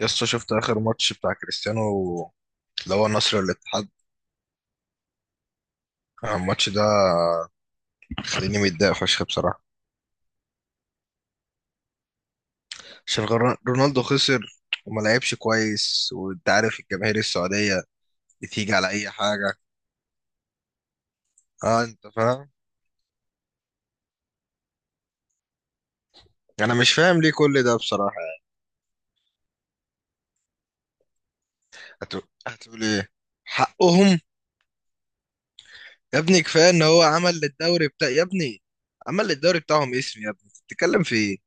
يسطا شفت آخر ماتش بتاع كريستيانو اللي هو النصر والاتحاد. الماتش ده خليني متضايق فشخ بصراحة. عشان رونالدو خسر وما لعبش كويس، وانت عارف الجماهير السعودية بتيجي على أي حاجة. اه، انت فاهم. انا مش فاهم ليه كل ده بصراحة يعني. هتقول ايه؟ حقهم؟ يا ابني كفاية ان هو عمل للدوري بتاع، يا ابني عمل للدوري بتاعهم اسم، يا ابني بتتكلم في ايه؟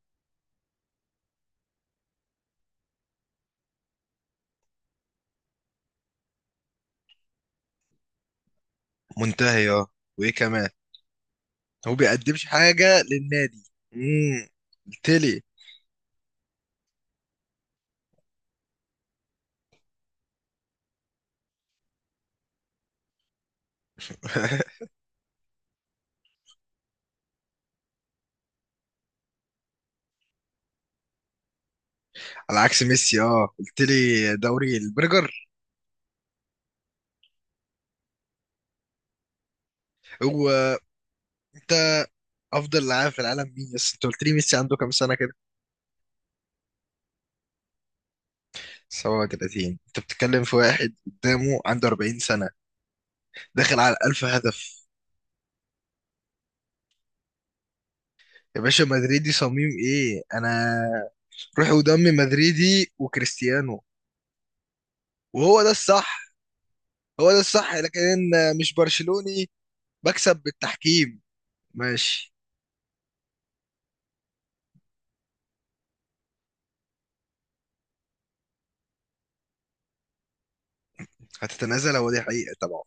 منتهي اه، وايه كمان؟ هو بيقدمش حاجة للنادي. امم تلي. على عكس ميسي، اه قلت لي دوري البرجر. هو انت، افضل لاعب في العالم مين بس؟ انت قلت لي ميسي عنده كام سنه كده؟ 37؟ انت بتتكلم في واحد قدامه عنده 40 سنه، داخل على 1000 هدف. يا باشا مدريدي صميم ايه انا؟ روحي ودمي مدريدي وكريستيانو، وهو ده الصح، هو ده الصح. لكن مش برشلوني بكسب بالتحكيم. ماشي. هتتنازل؟ هو دي حقيقه طبعا.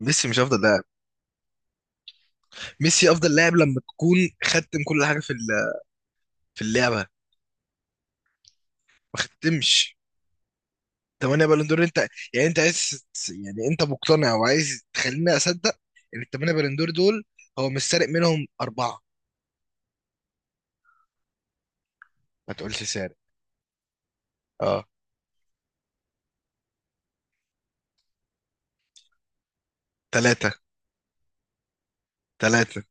ميسي مش افضل لاعب. ميسي افضل لاعب لما تكون ختم كل حاجه في اللعبه. ما ختمش. تمانية بالون دور انت؟ يعني انت عايز، يعني انت مقتنع وعايز تخليني اصدق ان التمانية بالون دور دول هو مش سارق منهم اربعة؟ ما تقولش سارق. اه، ثلاثة، ثلاثة.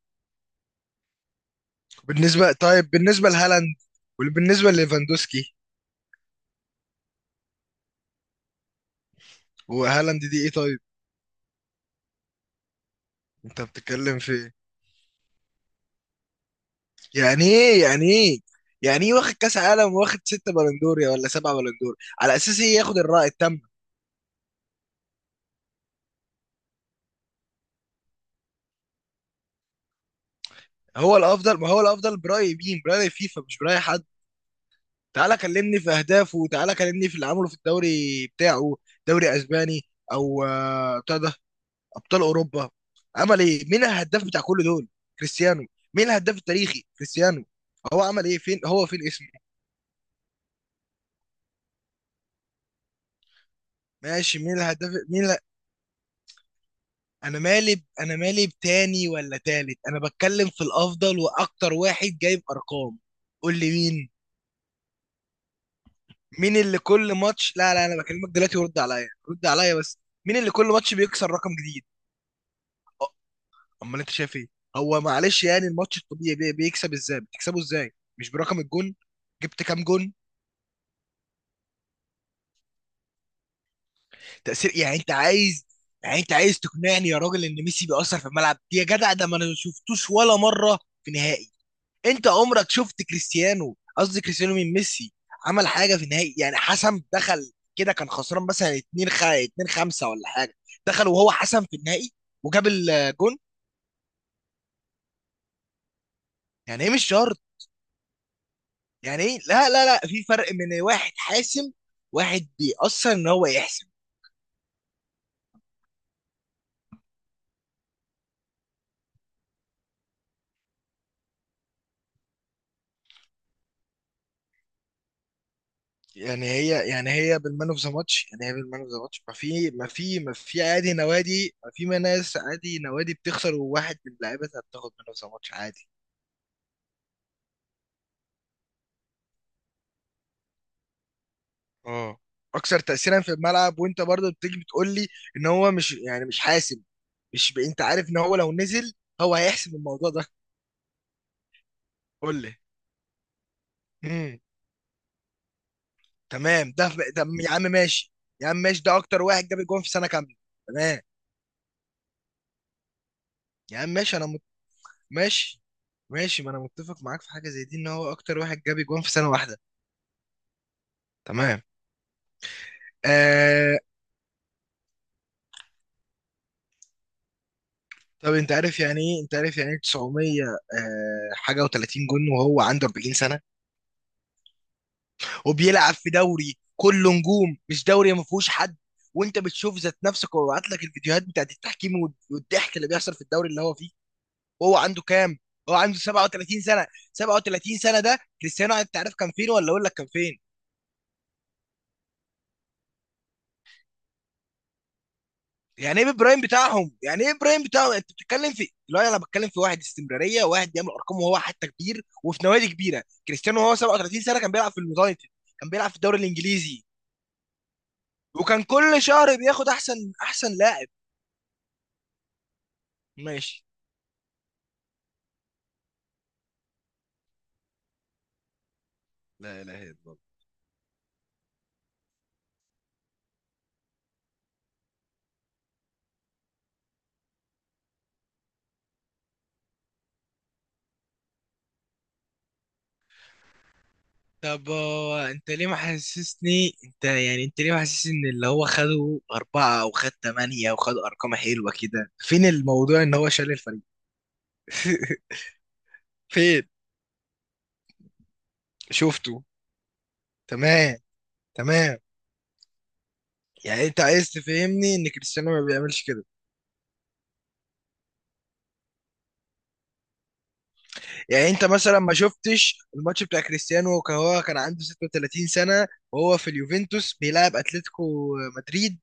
بالنسبة، طيب بالنسبة لهالاند وبالنسبة لليفاندوسكي. وهالاند دي ايه طيب؟ انت بتتكلم في ايه؟ يعني ايه، يعني ايه؟ واخد كاس عالم واخد ستة بالون دور يا ولا سبعة بالون دور على اساس ايه ياخد الرأي التام؟ هو الافضل، ما هو الافضل برأي مين؟ برأي فيفا؟ مش برأي حد. تعالى كلمني في اهدافه، تعالى كلمني في اللي عمله في الدوري بتاعه، دوري اسباني او بتاع ده، ابطال اوروبا. عمل ايه؟ مين الهداف بتاع كل دول؟ كريستيانو. مين الهداف التاريخي؟ كريستيانو. هو عمل ايه؟ فين هو؟ فين اسمه؟ ماشي، مين الهداف؟ انا مالي بتاني ولا تالت، انا بتكلم في الافضل واكتر واحد جايب ارقام. قول لي مين. مين اللي كل ماتش، لا لا، انا بكلمك دلوقتي، ورد عليا، رد عليا بس. مين اللي كل ماتش بيكسر رقم جديد؟ امال انت شايف ايه؟ هو معلش، يعني الماتش الطبيعي بيكسب ازاي؟ بتكسبه ازاي؟ مش برقم الجون؟ جبت كام جون؟ تأثير؟ يعني انت عايز، يعني انت عايز تقنعني يا راجل ان ميسي بيأثر في الملعب؟ يا جدع ده ما انا شفتوش ولا مرة في نهائي. انت عمرك شفت كريستيانو، قصدي كريستيانو من ميسي، عمل حاجة في نهائي؟ يعني حسم، دخل كده كان خسران مثلا 2 2 5 ولا حاجة، دخل وهو حسم في النهائي وجاب الجون. يعني ايه مش شرط؟ يعني ايه؟ لا لا لا، في فرق من واحد حاسم، واحد بيأثر ان هو يحسم. يعني هي بالمان اوف ذا ماتش، يعني هي بالمان اوف ذا ماتش؟ ما في عادي نوادي، ما في ناس عادي نوادي بتخسر وواحد من لعيبتها بتاخد مان اوف ذا ماتش عادي. اه، اكثر تأثيرا في الملعب وانت برضه بتيجي بتقول لي ان هو مش يعني مش حاسم، مش ب... انت عارف ان هو لو نزل هو هيحسم الموضوع ده. قول لي. امم، تمام ده. ده يا عم ماشي. يا عم ماشي، ده اكتر واحد جاب جون في سنة كاملة، تمام. يا عم ماشي، ماشي ماشي ما انا متفق معاك في حاجه زي دي، ان هو اكتر واحد جاب جوان في سنه واحده، تمام. آه... طب انت عارف يعني ايه، انت عارف يعني ايه 900 حاجه و30 جون، وهو عنده 40 سنه، وبيلعب في دوري كله نجوم، مش دوري ما فيهوش حد، وانت بتشوف ذات نفسك وببعت لك الفيديوهات بتاعت التحكيم والضحك اللي بيحصل في الدوري اللي هو فيه. وهو عنده كام؟ هو عنده 37 سنه. 37 سنه ده كريستيانو، انت عارف كان فين؟ ولا اقول لك كان فين؟ يعني ايه برايم بتاعهم؟ يعني ايه برايم بتاعهم؟ انت بتتكلم في، لا انا بتكلم في واحد استمراريه، واحد بيعمل ارقام وهو حتى كبير وفي نوادي كبيره. كريستيانو وهو 37 سنه كان بيلعب في اليونايتد، كان بيلعب في الدوري الانجليزي، وكان كل شهر بياخد احسن لاعب. ماشي، لا اله الا الله. طب هو انت ليه ما حسسني، انت يعني انت ليه ما حسسني ان اللي هو خده أربعة او خد تمانية او خد ارقام حلوة كده؟ فين الموضوع ان هو شال الفريق؟ فين؟ شفته. تمام، تمام. يعني انت عايز تفهمني ان كريستيانو ما بيعملش كده؟ يعني انت مثلا ما شفتش الماتش بتاع كريستيانو، كان هو كان عنده 36 سنة وهو في اليوفنتوس بيلعب اتلتيكو مدريد،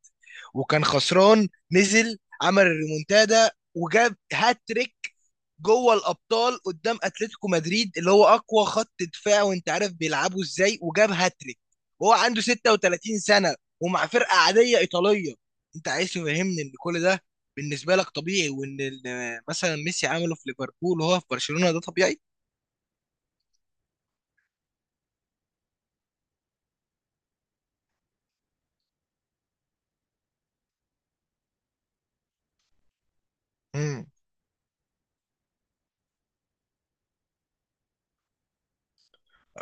وكان خسران، نزل عمل الريمونتادا وجاب هاتريك جوه الابطال قدام اتلتيكو مدريد اللي هو اقوى خط دفاع، وانت عارف بيلعبوا ازاي، وجاب هاتريك وهو عنده 36 سنة، ومع فرقة عادية ايطالية. انت عايز تفهمني ان كل ده بالنسبة لك طبيعي، وان مثلا ميسي عمله في ليفربول وهو في برشلونة ده طبيعي؟ امم.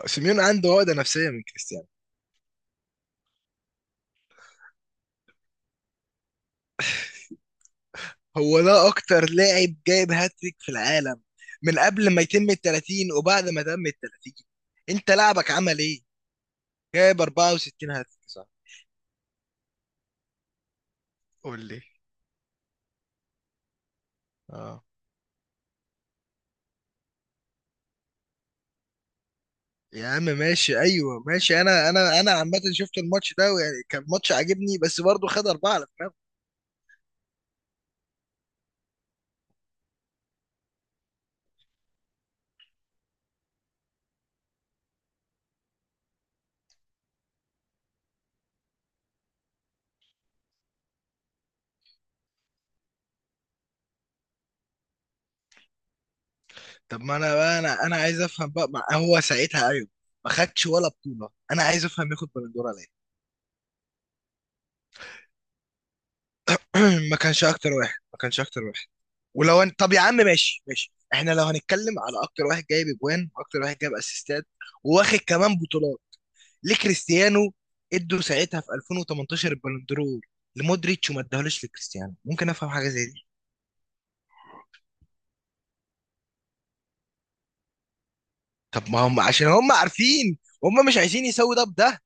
سيميون عنده عقدة نفسية من كريستيانو. هو ده أكتر لاعب جايب هاتريك في العالم، من قبل ما يتم ال 30 وبعد ما تم ال 30. أنت لعبك عمل إيه؟ جايب 64 هاتريك صح. قول لي. اه، يا عم ماشي، أيوه ماشي، أنا عامة شفت الماتش ده ويعني كان ماتش عاجبني، بس برضه خد أربعة على دماغه. طب ما أنا بقى، أنا عايز أفهم بقى، ما هو ساعتها، أيوه ما خدش ولا بطولة، أنا عايز أفهم ياخد بلندورة ليه. ما كانش أكتر واحد. ولو انت، طب يا عم ماشي، ماشي، احنا لو هنتكلم على اكتر واحد جايب اجوان واكتر واحد جايب اسيستات وواخد كمان بطولات، ليه كريستيانو ادوا ساعتها في 2018 البالندور لمودريتش وما اداهولوش لكريستيانو؟ ممكن افهم حاجه زي دي؟ طب ما هم عشان هم عارفين، هم مش عايزين يسووا ده بده.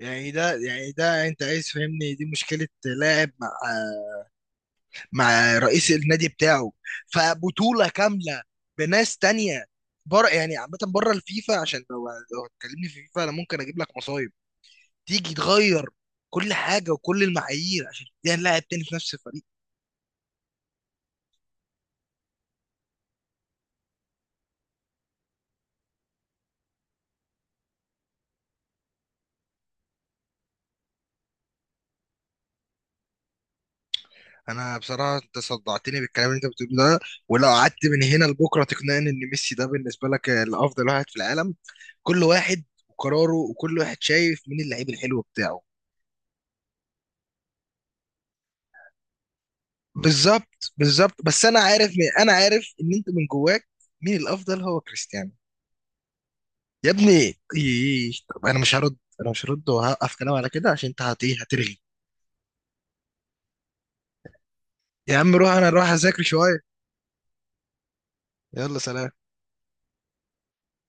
يعني ده، يعني ده انت عايز فهمني دي مشكله لاعب مع مع رئيس النادي بتاعه، فبطولة كاملة بناس تانية بره؟ يعني عامة بره الفيفا، عشان لو، لو هتكلمني في فيفا انا ممكن اجيب لك مصايب، تيجي تغير كل حاجة وكل المعايير عشان تديها لاعب تاني في نفس الفريق. انا بصراحة انت صدعتني بالكلام اللي انت بتقوله ده، ولو قعدت من هنا لبكرة تقنعني ان ميسي ده بالنسبة لك الافضل واحد في العالم. كل واحد وقراره، وكل واحد شايف مين اللعيب الحلو بتاعه. بالظبط بالظبط، بس انا عارف، انا عارف ان انت من جواك مين الافضل، هو كريستيانو. يا ابني طب انا مش هرد، وهوقف كلام على كده عشان انت هت- إيه، هترغي. يا عم روح، انا اروح اذاكر شويه. يلا سلام.